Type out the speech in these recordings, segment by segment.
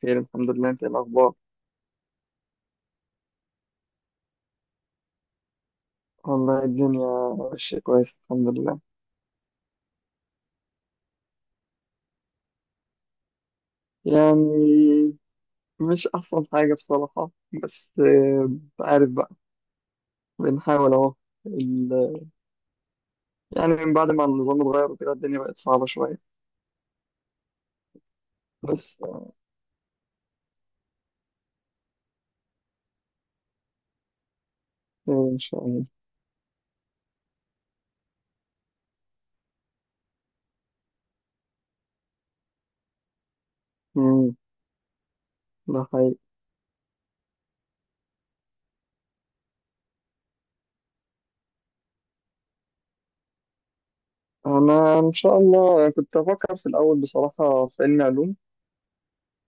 خير، الحمد لله. انت ايه الاخبار؟ والله الدنيا ماشيه كويس، الحمد لله. يعني مش احسن حاجه بصراحه، بس عارف بقى، بنحاول اهو. ال- يعني من بعد ما النظام اتغير وكده الدنيا بقت صعبه شويه، بس خير ان شاء الله. مم، ده حقيقي. انا ان شاء الله كنت افكر في الاول بصراحه في علم علوم،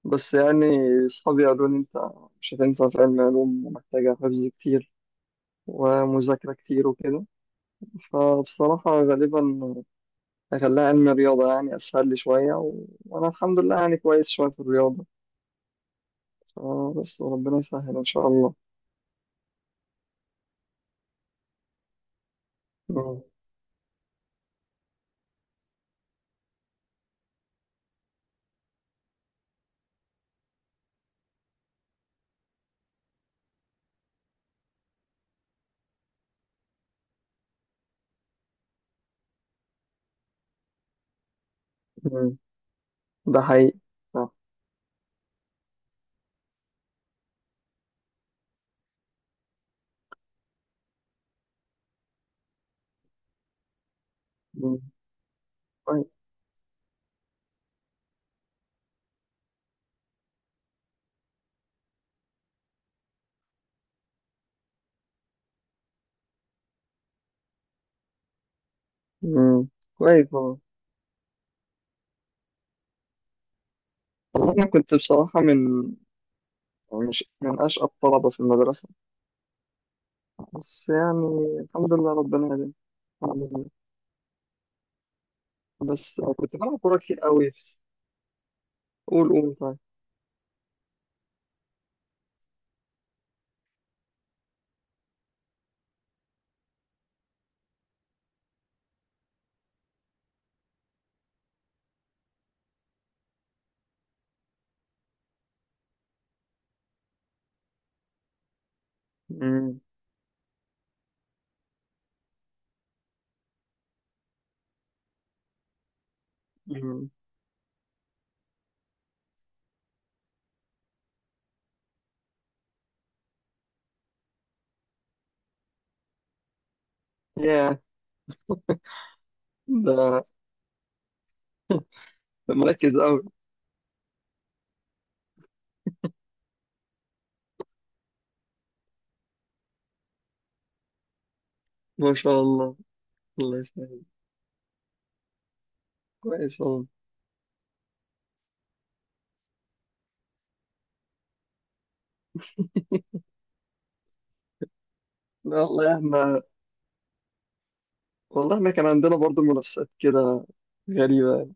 بس يعني اصحابي قالوا لي انت مش هتنفع في علم علوم، ومحتاجه حفظ كتير ومذاكره كتير وكده. فبصراحة غالبا أخليها علم رياضة، يعني أسهل لي شوية و... وأنا الحمد لله يعني كويس شوية في الرياضة. آه بس ربنا يسهل إن شاء الله. مم. مم. ده حقيقي. آه. مم. كويس. مم. كويس والله. والله أنا كنت بصراحة مش من أشقى الطلبة في المدرسة، بس يعني الحمد لله ربنا هداني، الحمد لله. بس كنت بلعب كورة كتير قوي قول قول طيب. مم. مم. ياه. ده ده مركز قوي. ما شاء الله. الله يسلمك. كويس والله. لا والله احنا، والله احنا كان عندنا برضو منافسات كده غريبة يعني.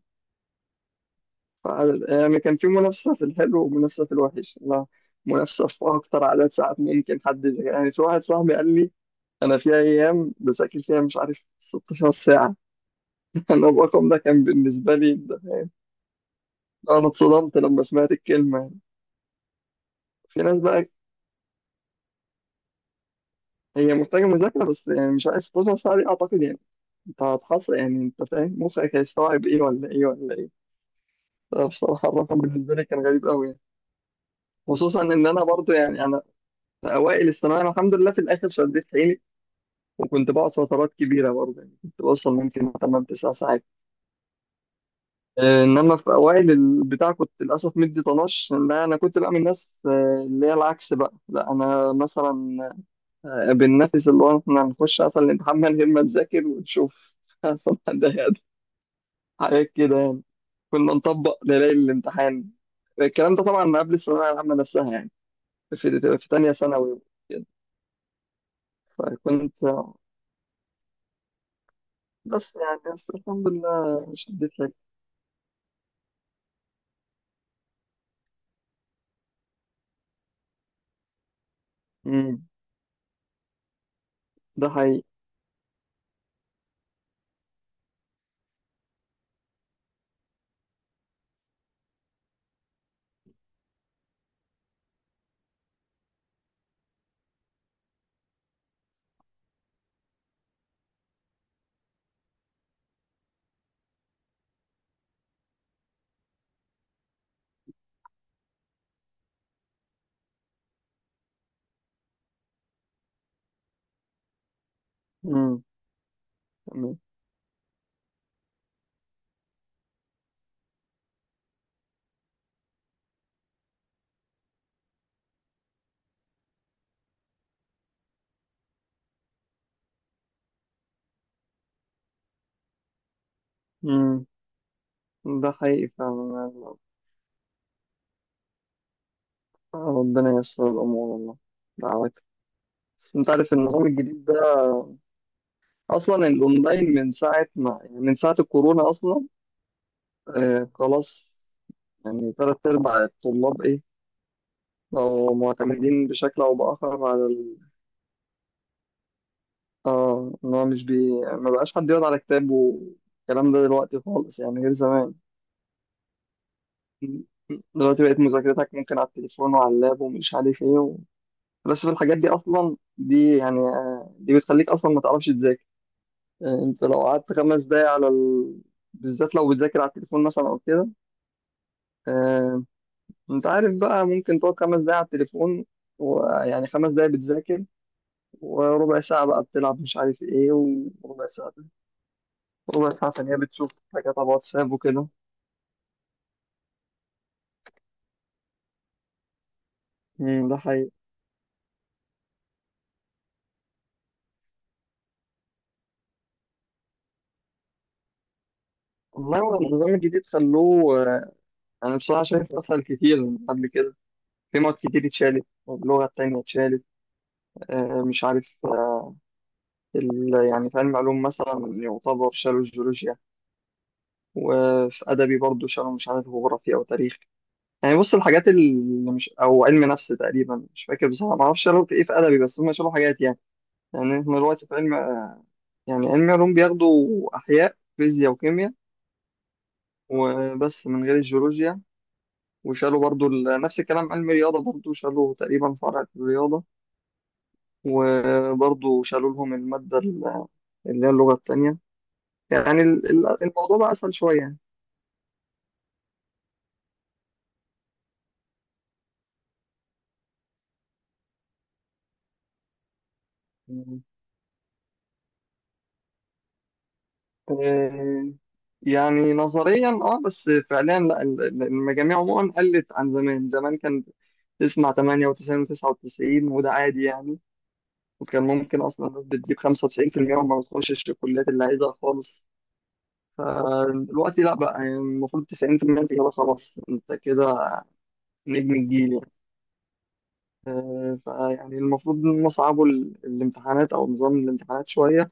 يعني كان في منافسة في الحلو ومنافسة في الوحش، لا منافسة في أكتر عدد ساعات ممكن حد، يعني في واحد صاحبي قال لي: أنا في أيام بذاكر فيها مش عارف 16 ساعة. أنا الرقم ده كان بالنسبة لي ده. أنا اتصدمت لما سمعت الكلمة. في ناس بقى، هي محتاجة مذاكرة بس يعني مش عارف 16 ساعة دي، أعتقد يعني أنت هتحصل، يعني أنت فاهم مخك هيستوعب إيه ولا إيه ولا إيه. بصراحة الرقم بالنسبة لي كان غريب قوي يعني. خصوصا ان انا برضو يعني انا في اوائل الثانوية، انا الحمد لله في الاخر شديت حيلي، وكنت بقعد فترات كبيرة برضو، يعني كنت بوصل ممكن 8 9 ساعات. انما في اوائل البتاع كنت للاسف مدي طناش، لان انا كنت بقى من الناس، اللي هي العكس بقى، لا انا مثلا بننافس اللي هو احنا هنخش اصلا الامتحان من غير ما نهم نذاكر ونشوف أصلاً حد هيقدر. حاجات كده يعني، كنا نطبق ليالي الامتحان. الكلام ده طبعا قبل الثانوية العامة نفسها يعني، في تانية ثانوي كده. فكنت بس يعني بس الحمد لله شديت لك. امم، ده حقيقي. امم، تمام. امم، ده حقيقي فعلا يعني. ربنا ييسر الأمور والله، دعواتك. بس أنت عارف النظام الجديد ده، أصلا الأونلاين من ساعة ما، يعني من ساعة الكورونا أصلا. آه خلاص، يعني تلات أرباع الطلاب إيه، بقوا معتمدين بشكل أو بآخر على اه ان هو مش بي، ما بقاش حد يقعد على كتاب والكلام ده دلوقتي خالص، يعني غير زمان. دلوقتي بقت مذاكرتك ممكن على التليفون وعلى اللاب ومش عارف ايه و... بس في الحاجات دي اصلا، دي يعني دي بتخليك اصلا ما تعرفش تذاكر. انت لو قعدت خمس دقايق على ال... بالذات لو بتذاكر على التليفون مثلا او كده، آه، انت عارف بقى ممكن تقعد خمس دقايق على التليفون، ويعني خمس دقايق بتذاكر، وربع ساعة بقى بتلعب مش عارف ايه. وربع ساعة، ربع ساعة تانية بتشوف حاجات على واتساب وكده. امم، ده حقيقي. والله هو النظام الجديد خلوه انا بصراحه شايف اسهل كتير من قبل كده. في مواد كتير اتشالت، اللغه التانية اتشالت. مش عارف يعني في علم علوم مثلا يعتبر شالوا الجيولوجيا، وفي ادبي برضو شالوا مش عارف جغرافيا او تاريخ. يعني بص الحاجات اللي مش او علم نفس تقريبا، مش فاكر بصراحه، ما اعرفش شالوا في ايه في ادبي، بس هم شالوا حاجات يعني. يعني احنا دلوقتي في علم يعني علم علوم بياخدوا احياء فيزياء وكيمياء، وبس من غير الجيولوجيا. وشالوا برضو نفس الكلام علم الرياضة، برضو شالوا تقريبا فرع في الرياضة، وبرضو شالوا لهم المادة اللي هي اللغة التانية. يعني الموضوع بقى أسهل شوية يعني. آه، يعني نظريا اه، بس فعليا لا، المجاميع عموما قلت عن زمان. زمان كان تسمع 98 و99 وده عادي يعني، وكان ممكن اصلا الناس بتجيب 95% وما بتخشش الكليات اللي عايزها خالص. فالوقت لا بقى، يعني المفروض 90%، انت كده خلاص، انت كده نجم الجيل يعني. فيعني المفروض نصعبوا الامتحانات او نظام الامتحانات شويه،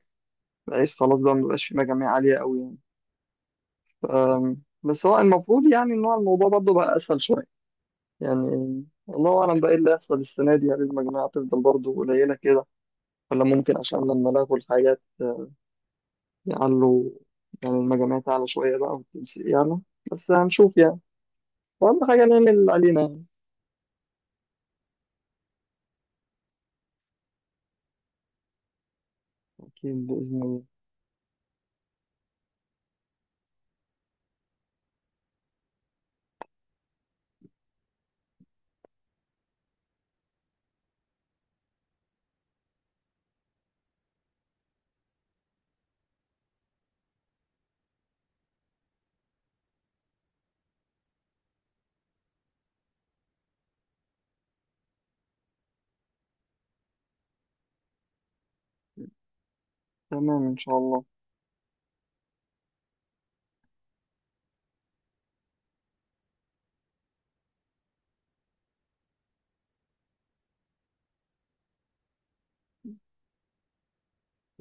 بحيث خلاص بقى مبقاش في مجاميع عاليه قوي يعني. ف- بس هو المفروض يعني ان هو الموضوع برضه بقى اسهل شويه يعني. الله اعلم بقى ايه اللي هيحصل السنه دي، هل المجموعه تفضل برضه قليله كده ولا ممكن عشان لما لغوا الحاجات يعلوا، يعني المجاميع تعلى شويه بقى، والتنسيق يعلى. بس هنشوف يعني، اهم حاجه نعمل اللي علينا يعني. أكيد بإذن الله. تمام إن شاء الله.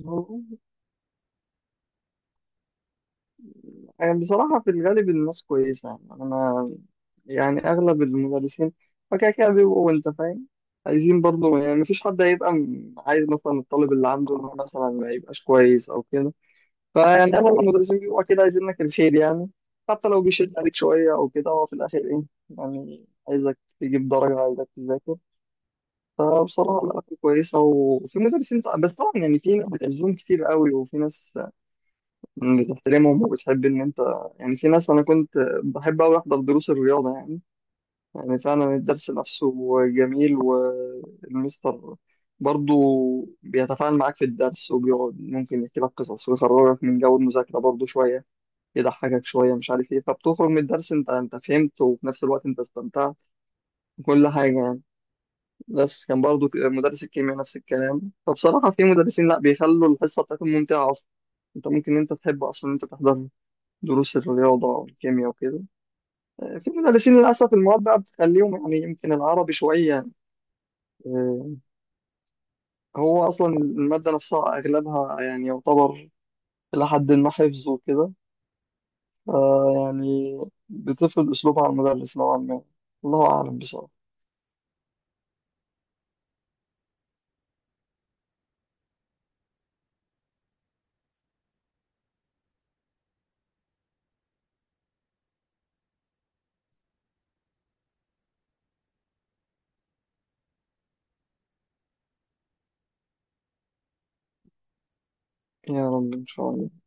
هو- يعني بصراحة في الغالب الناس كويسة، يعني أنا ما، يعني أغلب المدرسين فكده كده بيبقوا أنت فاهم، عايزين برضه يعني. مفيش حد هيبقى عايز مثلا الطالب اللي عنده إن هو مثلا ما يبقاش كويس أو كده. فيعني أغلب المدرسين بيبقوا كده عايزين لك الخير يعني، حتى لو بيشد عليك شوية أو كده، هو في الآخر إيه، يعني عايزك تجيب درجة، عايزك تذاكر. فبصراحة العلاقة كويسة، وفي مدرسين، بس طبعا يعني في ناس بتعزهم كتير قوي، وفي ناس بتحترمهم وبتحب ان انت، يعني في ناس انا كنت بحب اوي احضر دروس الرياضه يعني، يعني فعلا الدرس نفسه جميل، والمستر برضه بيتفاعل معاك في الدرس، وبيقعد ممكن يحكي لك قصص ويخرجك من جو المذاكره برضه شويه، يضحكك شويه مش عارف ايه. فبتخرج من الدرس انت فهمت، وفي نفس الوقت انت استمتعت وكل حاجه يعني. بس كان برضه مدرس الكيمياء نفس الكلام، فبصراحه في مدرسين لا بيخلوا الحصه بتاعتهم ممتعه اصلا، انت ممكن انت تحب اصلا انت تحضرها، دروس الرياضة والكيمياء وكده. في مدرسين للأسف المواد بقى بتخليهم يعني، يمكن العربي شوية. آه، هو أصلا المادة نفسها أغلبها يعني يعتبر إلى حد ما حفظ وكده. يعني بتفرض أسلوبها على المدرس نوعا ما. الله أعلم بصراحة. يا رب إن شاء الله.